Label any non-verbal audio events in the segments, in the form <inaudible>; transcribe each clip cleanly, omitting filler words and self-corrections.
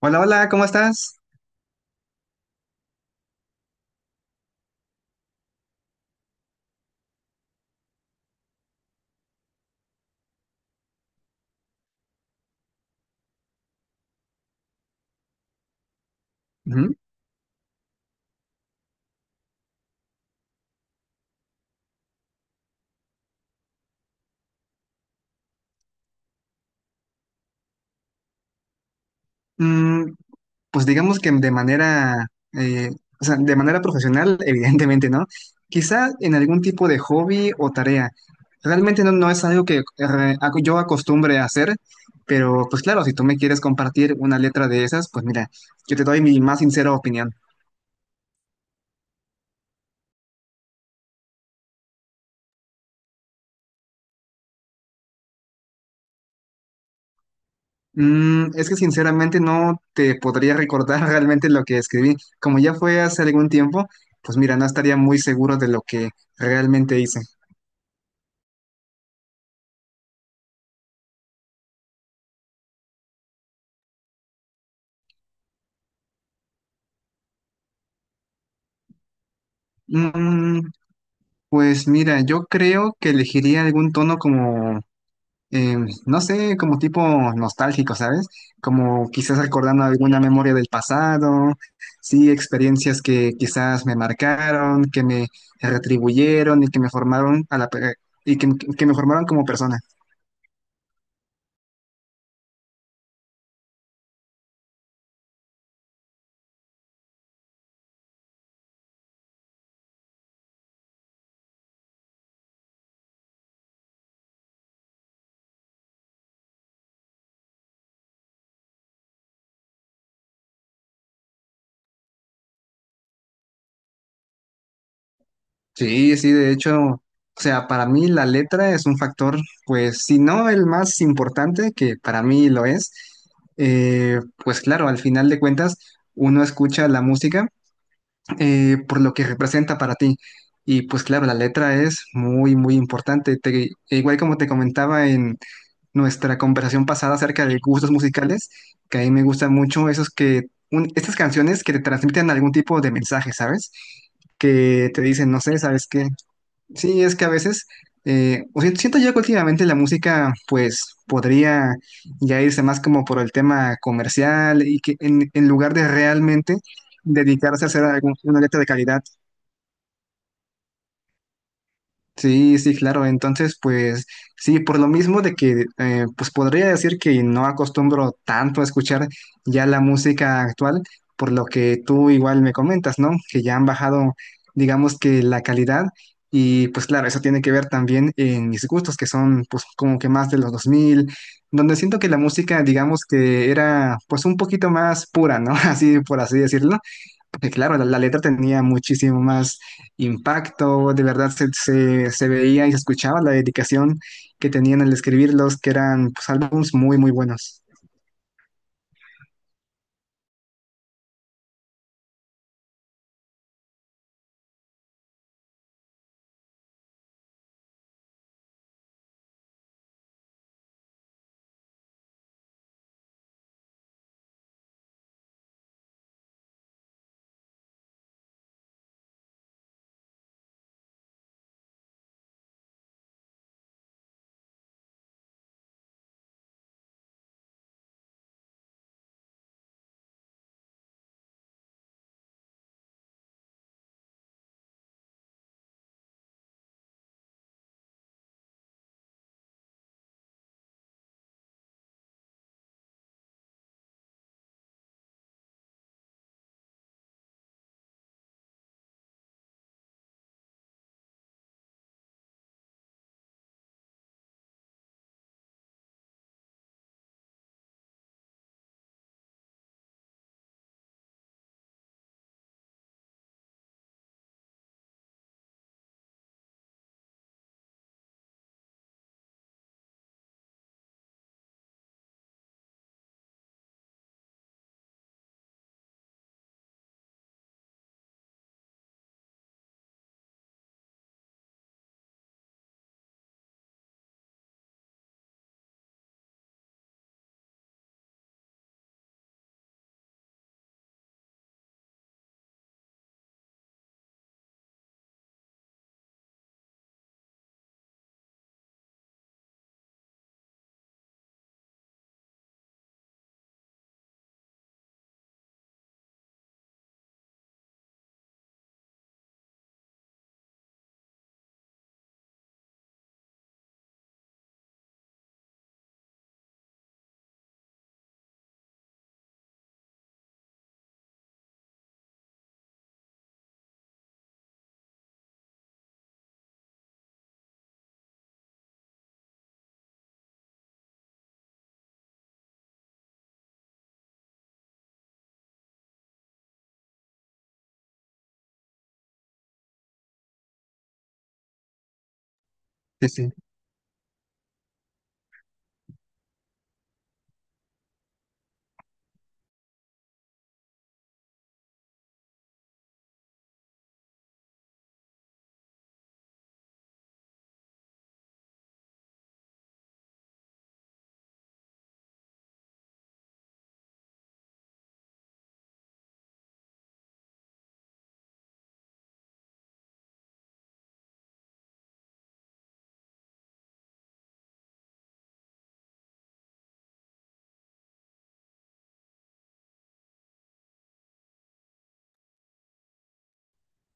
Hola, hola, ¿cómo estás? Ujú. Mm, pues digamos que de manera, eh, o sea, de manera profesional, <laughs> evidentemente, ¿no? Quizá en algún tipo de hobby o tarea. Realmente no es algo que yo acostumbre a hacer, pero pues claro, si tú me quieres compartir una letra de esas, pues mira, yo te doy mi más sincera opinión. Es que sinceramente no te podría recordar <laughs> realmente lo que escribí. Como ya fue hace algún tiempo, pues mira, no estaría muy seguro de lo que realmente hice. Mm, pues mira, yo creo que elegiría algún tono como, eh, no sé, como tipo nostálgico, ¿sabes? Como quizás recordando alguna memoria del pasado, sí, experiencias que quizás me marcaron, que me retribuyeron y que me formaron y que me formaron como persona. Sí, sí, de hecho, o sea, para mí la letra es un factor, pues, si no el más importante, que para mí lo es, pues claro, al final de cuentas, uno escucha la música por lo que representa para ti. Y pues claro, la letra es muy, muy importante. E igual como te comentaba en nuestra conversación pasada acerca de gustos musicales, que a mí me gustan mucho esos que, estas canciones que te transmiten algún tipo de mensaje, ¿sabes? Que te dicen, no sé, ¿sabes qué? Sí, es que a veces, o sea, siento yo que últimamente la música, pues, podría ya irse más como por el tema comercial y que en lugar de realmente dedicarse a hacer una letra de calidad. Sí, sí, claro. Entonces, pues sí, por lo mismo de que, pues podría decir que no acostumbro tanto a escuchar ya la música actual, por lo que tú igual me comentas, ¿no? Que ya han bajado, digamos que la calidad y pues claro, eso tiene que ver también en mis gustos, que son pues como que más de los 2000, donde siento que la música, digamos que era pues un poquito más pura, ¿no? <laughs> Así, por así decirlo. Claro, la letra tenía muchísimo más impacto, de verdad se veía y se escuchaba la dedicación que tenían al escribirlos, que eran pues álbumes muy, muy buenos. Sí, sí.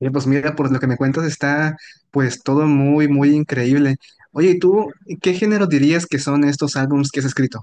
Pues mira, por lo que me cuentas está pues todo muy, muy increíble. Oye, ¿y tú qué género dirías que son estos álbumes que has escrito?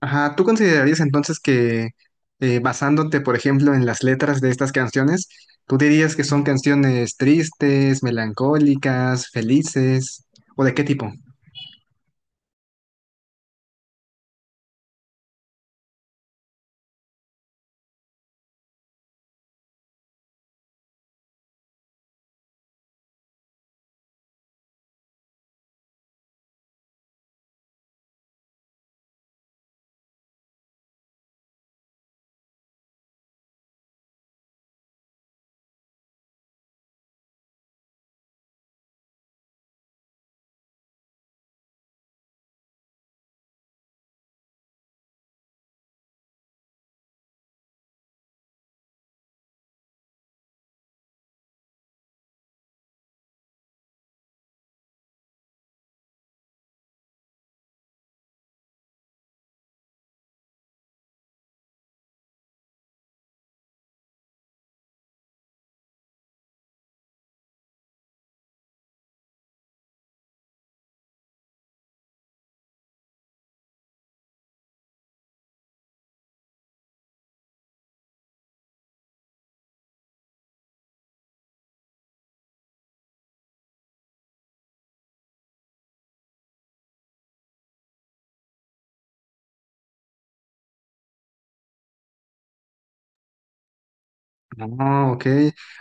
Ajá, ¿tú considerarías entonces que basándote, por ejemplo, en las letras de estas canciones, tú dirías que son canciones tristes, melancólicas, felices, o de qué tipo? Ah, ok.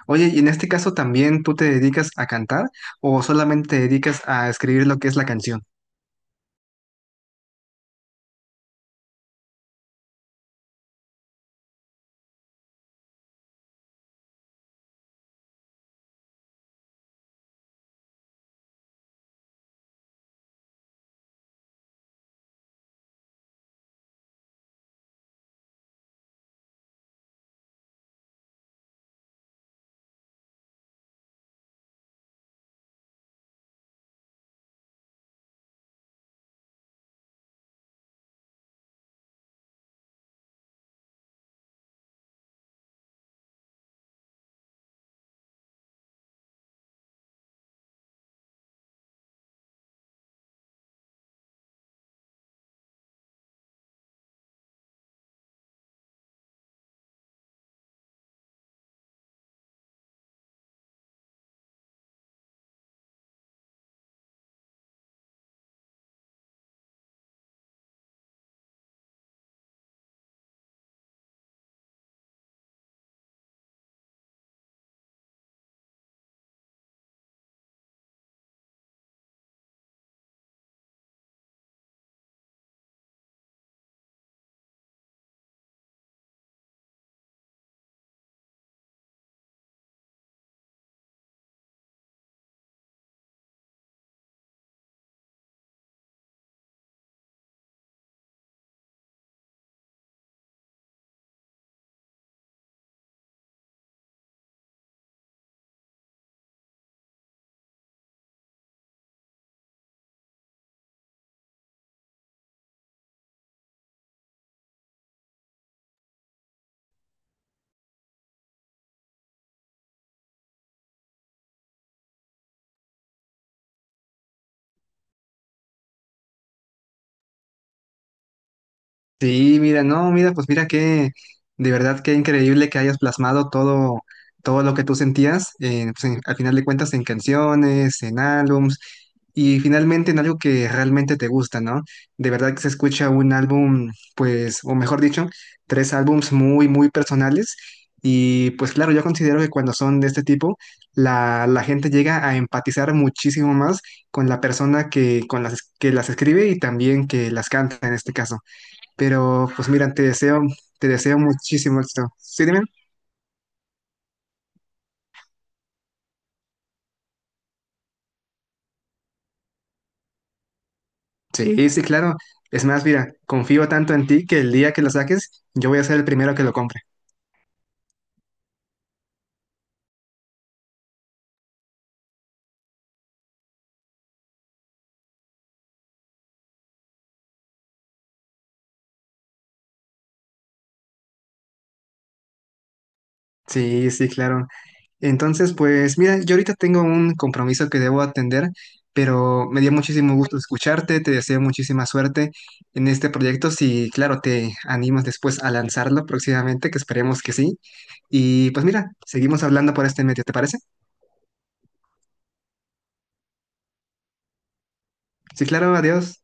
Oye, ¿y en este caso también tú te dedicas a cantar o solamente te dedicas a escribir lo que es la canción? Sí, mira, no, mira, pues mira que de verdad qué increíble que hayas plasmado todo, todo lo que tú sentías, al final de cuentas en canciones, en álbums y finalmente en algo que realmente te gusta, ¿no? De verdad que se escucha un álbum, pues, o mejor dicho, tres álbums muy, muy personales y pues claro, yo considero que cuando son de este tipo, la gente llega a empatizar muchísimo más con la persona con que las escribe y también que las canta en este caso. Pero pues mira, te deseo muchísimo éxito. ¿Sí, dime? Sí, sí, claro. Es más, mira, confío tanto en ti que el día que lo saques, yo voy a ser el primero que lo compre. Sí, sí, claro. Entonces, pues mira, yo ahorita tengo un compromiso que debo atender, pero me dio muchísimo gusto escucharte, te deseo muchísima suerte en este proyecto, si claro, te animas después a lanzarlo próximamente, que esperemos que sí. Y pues mira, seguimos hablando por este medio, ¿te parece? Sí, claro, adiós.